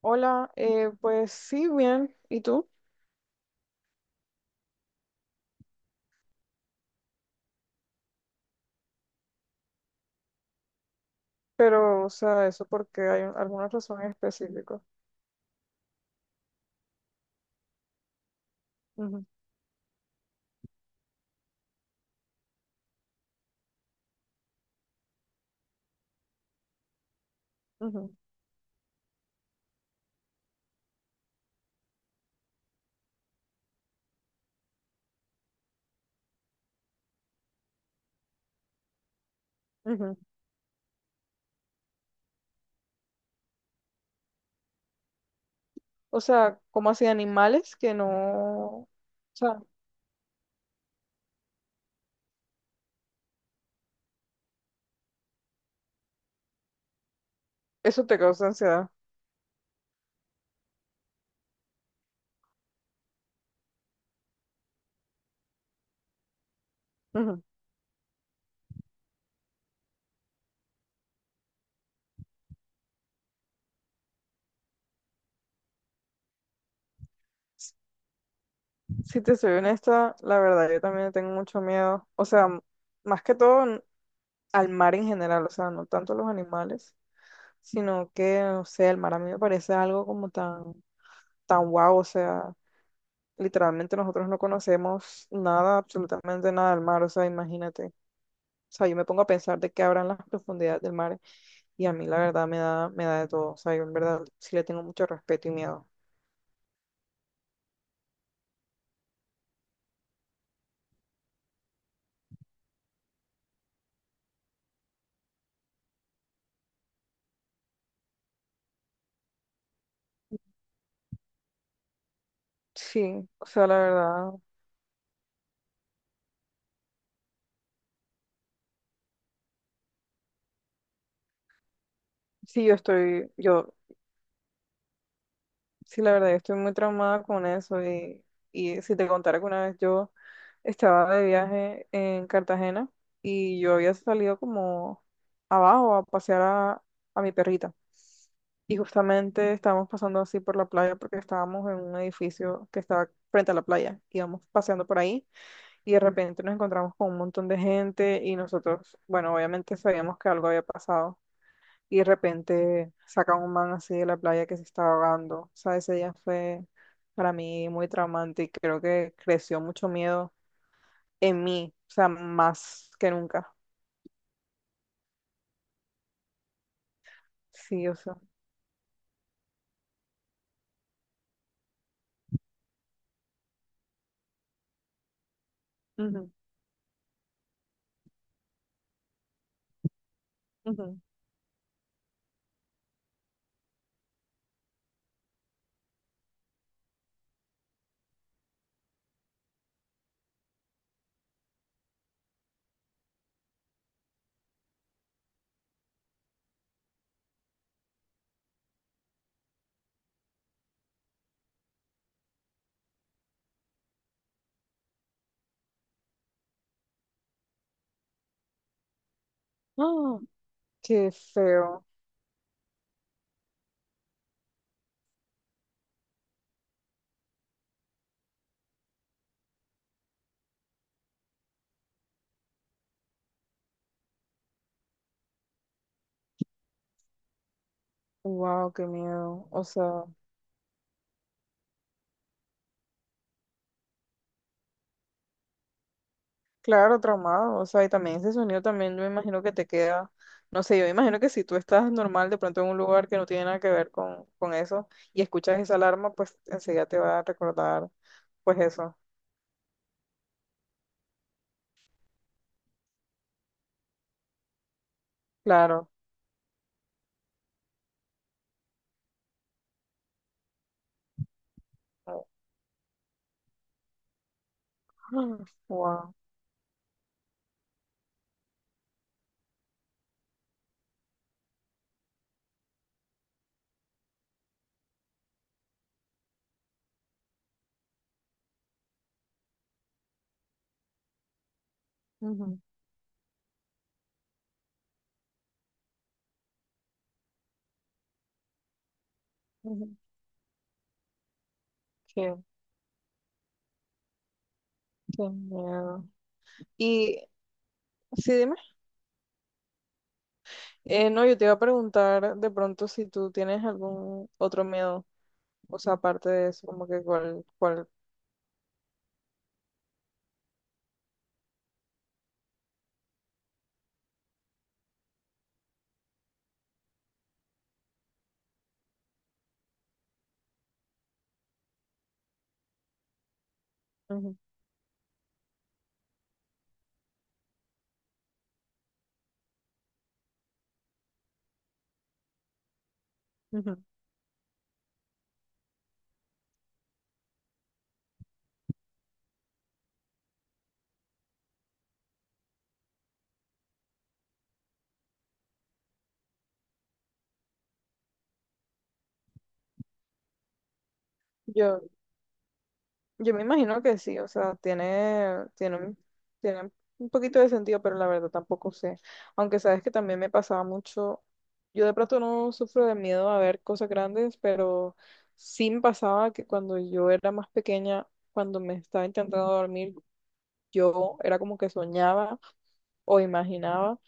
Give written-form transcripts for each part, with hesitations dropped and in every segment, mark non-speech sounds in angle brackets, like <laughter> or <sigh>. Hola, pues sí, bien, ¿y tú? Pero, o sea, eso porque hay alguna razón en específico. Ujú, ujú, ujú. O sea, como así animales que no. O sea, eso te causa ansiedad. Ujú. S- Si te soy honesta, la verdad, yo también tengo mucho miedo. O sea, más que todo al mar en general, o sea, no tanto a los animales, sino que, o sea, el mar a mí me parece algo como tan, tan guau, o sea. Literalmente nosotros no conocemos nada, absolutamente nada del mar, o sea, imagínate. O sea, yo me pongo a pensar de qué habrán las profundidades del mar y a mí la verdad me da de todo. O sea, yo en verdad sí le tengo mucho respeto y miedo. Sí, o sea, la verdad, sí, sí, la verdad, yo estoy muy traumada con eso y si te contara que una vez yo estaba de viaje en Cartagena y yo había salido como abajo a pasear a mi perrita. Y justamente estábamos pasando así por la playa porque estábamos en un edificio que estaba frente a la playa. Íbamos paseando por ahí y de repente nos encontramos con un montón de gente y nosotros, bueno, obviamente sabíamos que algo había pasado. Y de repente sacan un man así de la playa que se estaba ahogando. O sea, ese día fue para mí muy traumante y creo que creció mucho miedo en mí, o sea, más que nunca. Sí, o sea. Ujú, ujú. ¡Ah! Qué feo. Wow, qué miedo. O sea. Claro, traumado, o sea, y también ese sonido también yo me imagino que te queda, no sé, yo me imagino que si tú estás normal de pronto en un lugar que no tiene nada que ver con eso y escuchas esa alarma, pues enseguida te va a recordar, pues eso, claro. Wow. <gasps> Qué, qué miedo. Y sí, dime, no, yo te iba a preguntar de pronto si tú tienes algún otro miedo, o sea, aparte de eso, como que cuál, cuál. Ujú, ujú. Yo, Yo me imagino que sí, o sea, tiene un poquito de sentido, pero la verdad tampoco sé. Aunque sabes que también me pasaba mucho, yo de pronto no sufro de miedo a ver cosas grandes, pero sí me pasaba que cuando yo era más pequeña, cuando me estaba intentando dormir, yo era como que soñaba o imaginaba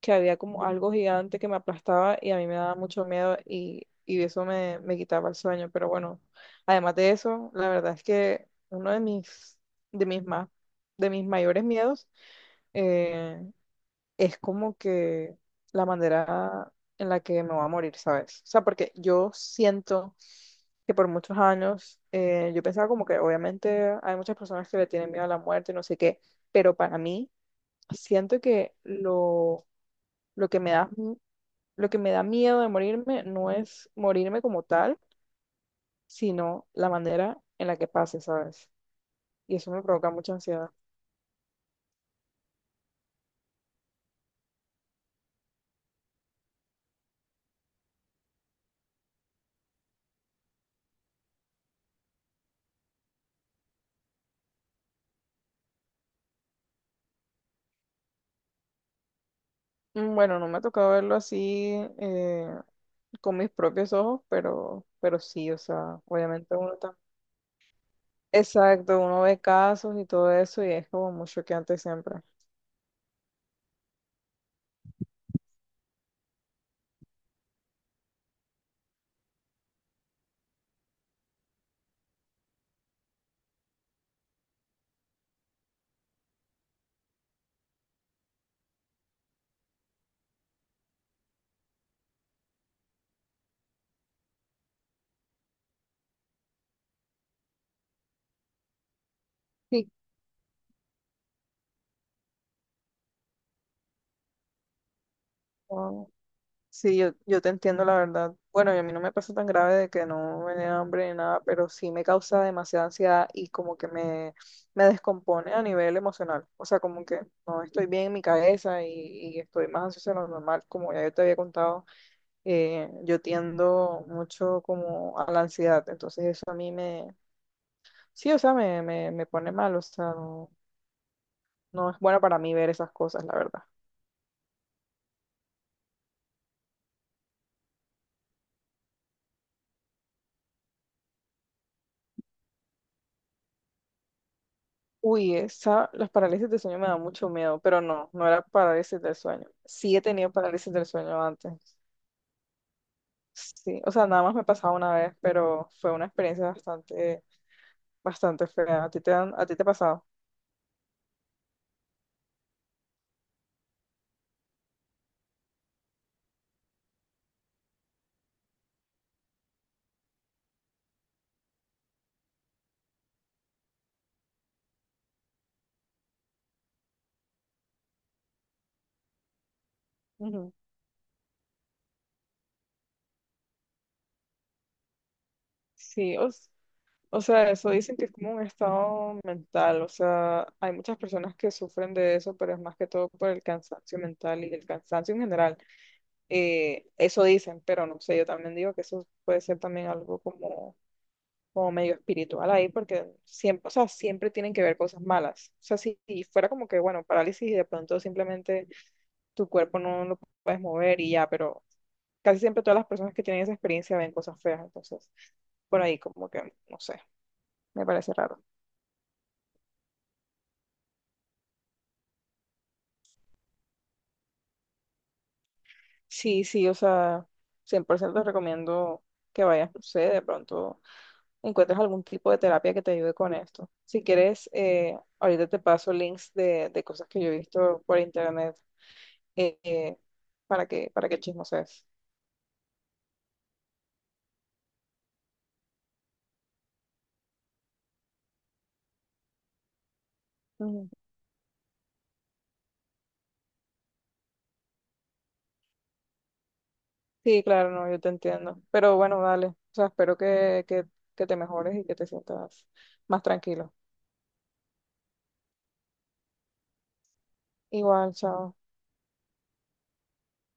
que había como algo gigante que me aplastaba y a mí me daba mucho miedo y eso me quitaba el sueño. Pero bueno, además de eso, la verdad es que uno de mis, de mis más, de mis mayores miedos eh, es como que la manera en la que me voy a morir, ¿sabes? O sea, porque yo siento que por muchos años yo pensaba como que obviamente hay muchas personas que le tienen miedo a la muerte, no sé qué, pero para mí siento que lo que me da lo que me da miedo de morirme no es morirme como tal, sino la manera en la que pase, ¿sabes? Y eso me provoca mucha ansiedad. Bueno, no me ha tocado verlo así eh, con mis propios ojos, pero sí, o sea, obviamente uno está. Exacto, uno ve casos y todo eso y es como mucho que antes siempre. Sí, sí, yo te entiendo la verdad. Bueno, y a mí no me pasa tan grave de que no me dé hambre ni nada, pero sí me causa demasiada ansiedad y como que me descompone a nivel emocional. O sea, como que no estoy bien en mi cabeza y estoy más ansiosa de lo normal. Como ya yo te había contado, yo tiendo mucho como a la ansiedad. Entonces eso a mí sí, o sea, me pone mal. O sea, no, no es bueno para mí ver esas cosas, la verdad. Uy, las parálisis del sueño me dan mucho miedo, pero no, no era parálisis del sueño. Sí he tenido parálisis del sueño antes. Sí, o sea, nada más me pasaba una vez, pero fue una experiencia bastante, bastante fea. A ti te ha pasado? Ujú. Sí, o sea, eso dicen que es como un estado mental, o sea, hay muchas personas que sufren de eso, pero es más que todo por el cansancio mental y el cansancio en general. Eso dicen, pero no sé, yo también digo que eso puede ser también algo como medio espiritual ahí, porque siempre, o sea, siempre tienen que ver cosas malas. O sea, si fuera como que, bueno, parálisis y de pronto simplemente tu cuerpo no lo puedes mover y ya, pero casi siempre todas las personas que tienen esa experiencia ven cosas feas, entonces por ahí como que, no sé, me parece raro. Sí, sí, o sea, 100% te recomiendo que vayas, no sé, de pronto encuentres algún tipo de terapia que te ayude con esto. Si quieres, ahorita te paso links de cosas que yo he visto por internet eh, eh, para que chismosees. Ujú. Sí, claro, no, yo te entiendo. Pero bueno, dale. O sea, espero que, te mejores y que te sientas más tranquilo. Igual, chao.